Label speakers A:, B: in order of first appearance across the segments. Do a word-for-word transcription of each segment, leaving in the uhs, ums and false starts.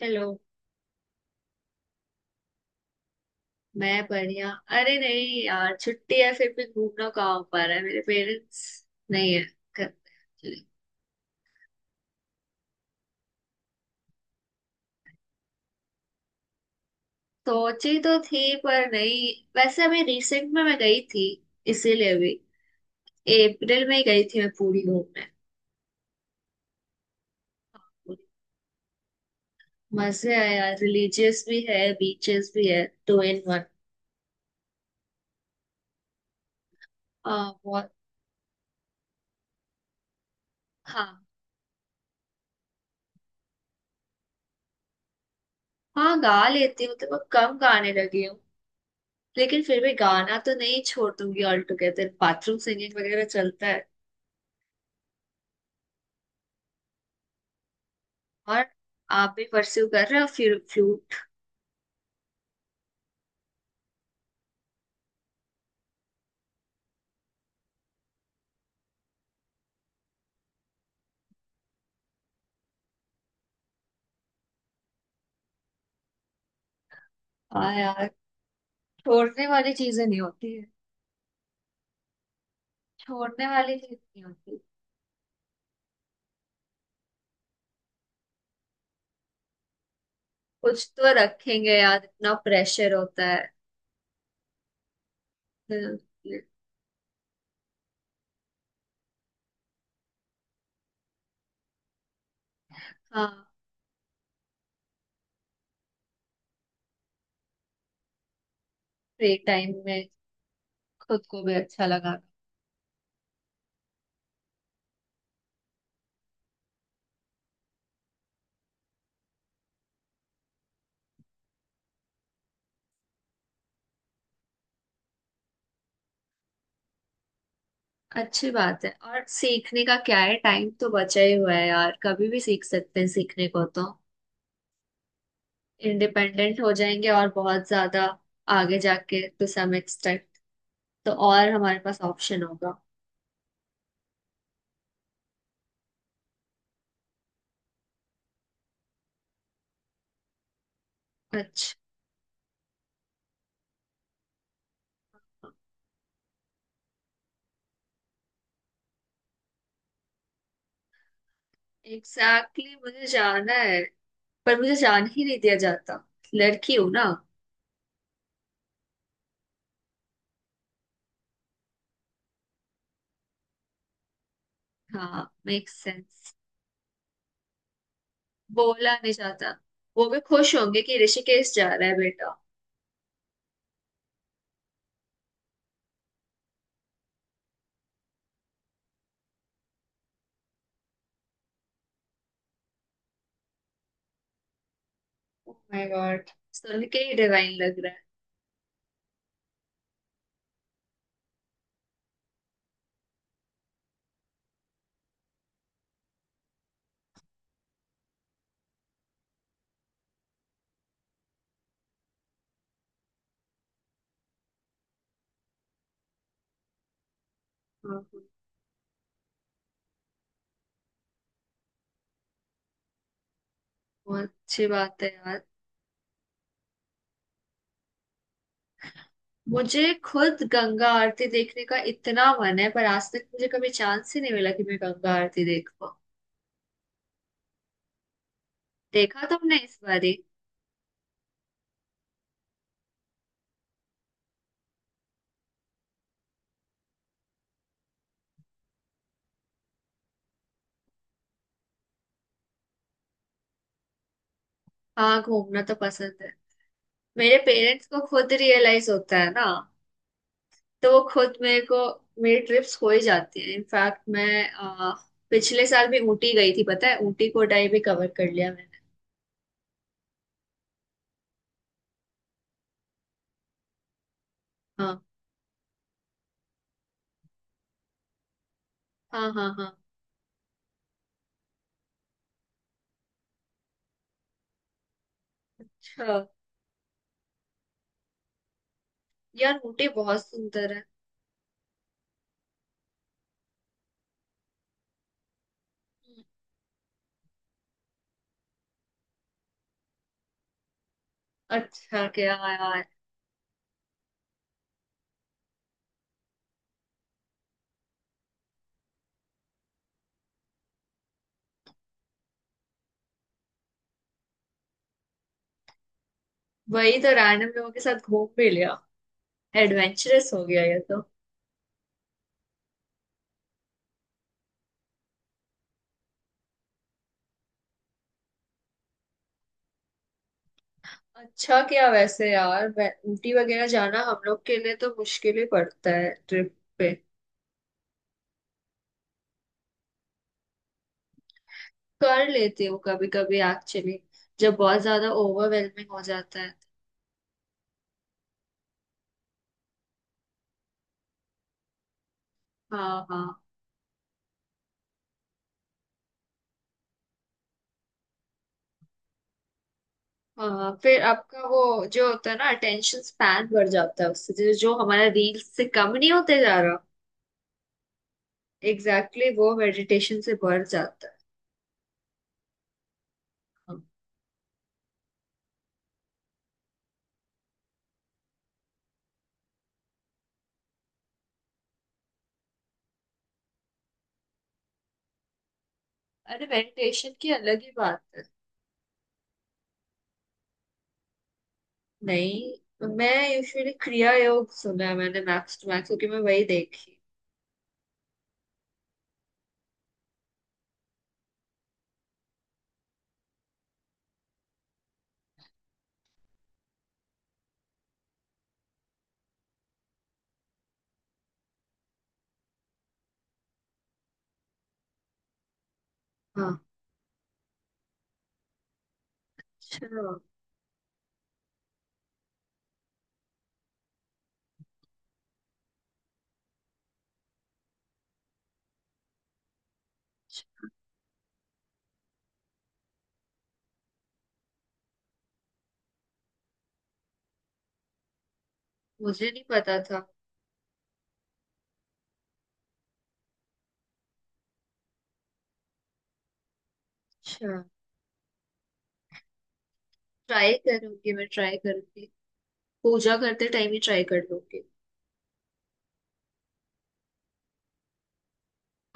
A: चलो। मैं बढ़िया। अरे नहीं यार, छुट्टी है फिर भी घूमना कहाँ हो पा रहा है, मेरे पेरेंट्स नहीं है घर पे actually। सोची तो थी, पर नहीं। वैसे अभी रिसेंट में मैं गई थी, इसीलिए भी। अप्रैल में ही गई थी मैं, पूरी घूमने। मजे आए यार, रिलीजियस भी है, बीचेस भी है, टू इन वन। हाँ बहुत। हाँ। हाँ, गा लेती हूँ, तो मैं कम गाने लगी हूँ, लेकिन फिर भी गाना तो नहीं छोड़ दूंगी ऑल टुगेदर। बाथरूम सिंगिंग वगैरह चलता है। और आप भी परस्यू कर रहे हो फिर फ्लूट? हाँ यार, छोड़ने वाली चीजें नहीं होती है। छोड़ने वाली चीज नहीं होती। कुछ तो रखेंगे यार, इतना प्रेशर होता है। हम्म, हाँ। फ्री टाइम में। खुद को भी अच्छा लगाना। अच्छी बात है, और सीखने का क्या है, टाइम तो बचा ही हुआ है यार, कभी भी सीख सकते हैं सीखने को तो। इंडिपेंडेंट हो जाएंगे और बहुत ज्यादा आगे जाके टू सम एक्सटेंट, तो और हमारे पास ऑप्शन होगा। अच्छा। एग्जैक्टली exactly, मुझे जाना है, पर मुझे जाने ही नहीं दिया जाता। लड़की हूं ना। हाँ, मेक सेंस। बोला नहीं जाता। वो भी खुश होंगे कि ऋषिकेश जा रहा है बेटा। Oh my god. सुन के ही डिवाइन लग रहा है। हाँ, हाँ। बहुत अच्छी बात है यार। मुझे खुद गंगा आरती देखने का इतना मन है, पर आज तक मुझे कभी चांस ही नहीं मिला कि मैं गंगा आरती देख पाऊँ। देखा तुमने इस बारी? हाँ, घूमना तो पसंद है। मेरे पेरेंट्स को खुद रियलाइज होता है ना, तो वो खुद मेरे को, मेरी ट्रिप्स हो ही जाती है। इनफैक्ट मैं अ, पिछले साल भी ऊटी गई थी। पता है, ऊटी कोटाई भी कवर कर लिया मैंने। हाँ हाँ हाँ हाँ। अच्छा। यार, ऊटी बहुत सुंदर है। अच्छा क्या यार। वही तो, रैंडम लोगों के साथ घूम भी लिया। एडवेंचरस हो गया ये तो। अच्छा क्या वैसे यार, वे- ऊटी वगैरह जाना हम लोग के लिए तो मुश्किल ही पड़ता है ट्रिप पे। कर लेती हूँ कभी कभी एक्चुअली, जब बहुत ज्यादा ओवरवेलमिंग हो जाता है। हाँ हाँ हाँ। फिर आपका वो जो होता है ना, अटेंशन स्पैन बढ़ जाता है उससे, जो जो हमारा रील्स से कम नहीं होते जा रहा। एग्जैक्टली exactly वो मेडिटेशन से बढ़ जाता है। हाँ। अरे, मेडिटेशन की अलग ही बात है। नहीं, मैं यूजुअली क्रिया योग सुना है मैंने, मैक्स टू मैक्स, क्योंकि मैं वही देखी। हाँ, अच्छा। मुझे नहीं पता था। अच्छा। ट्राई करूंगी, मैं ट्राई करूंगी। पूजा करते टाइम ही ट्राई कर लूंगी।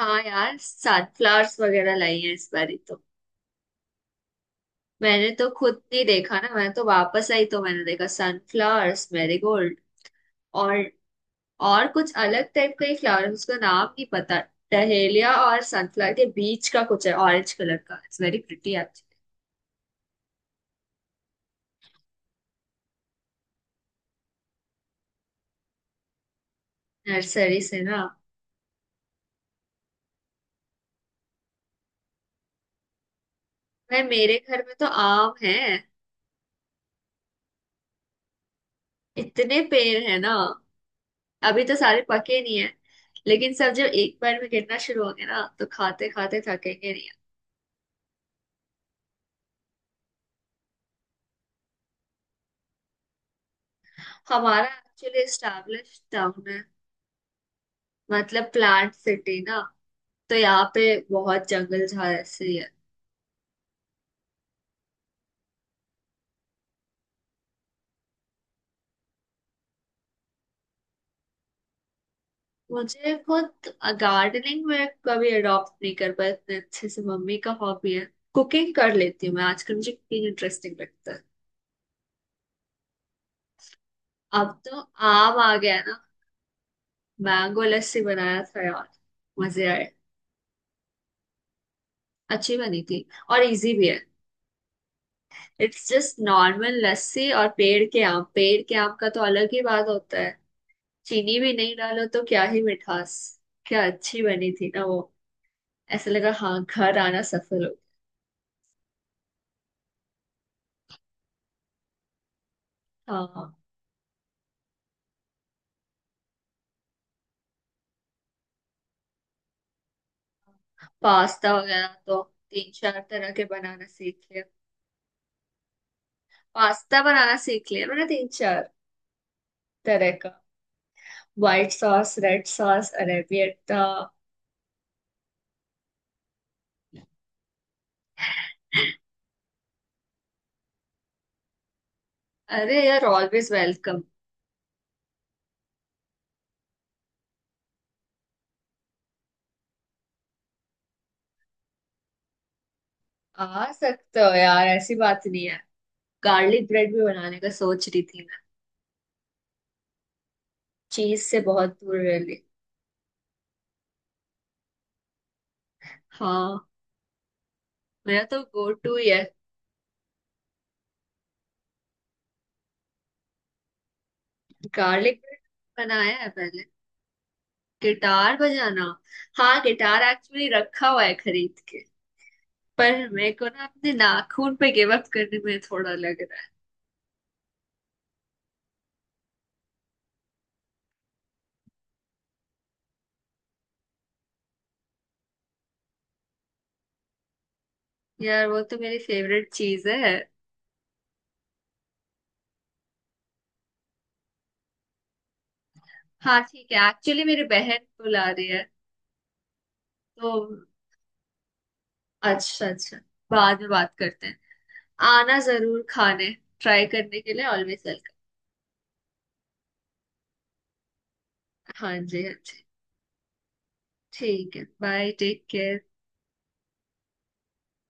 A: हाँ यार, सनफ्लावर्स वगैरह लाई है इस बारी तो। मैंने तो खुद नहीं देखा ना, मैं तो वापस आई तो मैंने देखा सनफ्लावर्स, मैरीगोल्ड। और और कुछ अलग टाइप का ही फ्लावर है, उसका नाम नहीं पता। डहेलिया और सनफ्लावर के बीच का कुछ है, ऑरेंज कलर का, it's very pretty actually. Nursery से ना। मैं, मेरे घर में तो आम है, इतने पेड़ है ना। अभी तो सारे पके नहीं है, लेकिन सब जब एक बार में गिरना शुरू होंगे ना, तो खाते खाते थकेंगे नहीं। हमारा एक्चुअली एस्टेब्लिश टाउन है, मतलब प्लांट सिटी ना, तो यहाँ पे बहुत जंगल झाड़ ऐसे ही है। मुझे खुद गार्डनिंग में कभी अडॉप्ट नहीं कर पाया इतने अच्छे से, मम्मी का हॉबी है। कुकिंग कर लेती हूँ मैं आजकल, मुझे कुकिंग इंटरेस्टिंग लगता है। अब तो आम आ गया है ना, मैंगो लस्सी बनाया था यार, मजे आए। अच्छी बनी थी, और इजी भी है। इट्स जस्ट नॉर्मल लस्सी, और पेड़ के आम, पेड़ के आम का तो अलग ही बात होता है। चीनी भी नहीं डालो तो क्या ही मिठास। क्या अच्छी बनी थी ना वो। ऐसा लगा हाँ, घर आना सफल हो। हाँ, पास्ता वगैरह तो तीन चार तरह के बनाना सीख लिया। पास्ता बनाना सीख लिया मैंने, तीन चार तरह का। White sauce, red sauce, arrabbiata. अरे यार, ऑलवेज वेलकम। आ सकते हो यार, ऐसी बात नहीं है। गार्लिक ब्रेड भी बनाने का सोच रही थी मैं, चीज से बहुत दूर रह ली। हाँ, मेरा तो गो टू ही है गार्लिक ब्रेड। बनाया है पहले। गिटार बजाना? हाँ, गिटार एक्चुअली रखा हुआ है खरीद के, पर मेरे को ना अपने नाखून पे गिव अप करने में थोड़ा लग रहा है यार। वो तो मेरी फेवरेट चीज है। हाँ ठीक है, एक्चुअली मेरी बहन बुला रही है तो। अच्छा अच्छा, बाद में बात करते हैं। आना जरूर, खाने ट्राई करने के लिए ऑलवेज वेलकम। हाँ जी, हाँ जी। ठीक है, बाय, टेक केयर।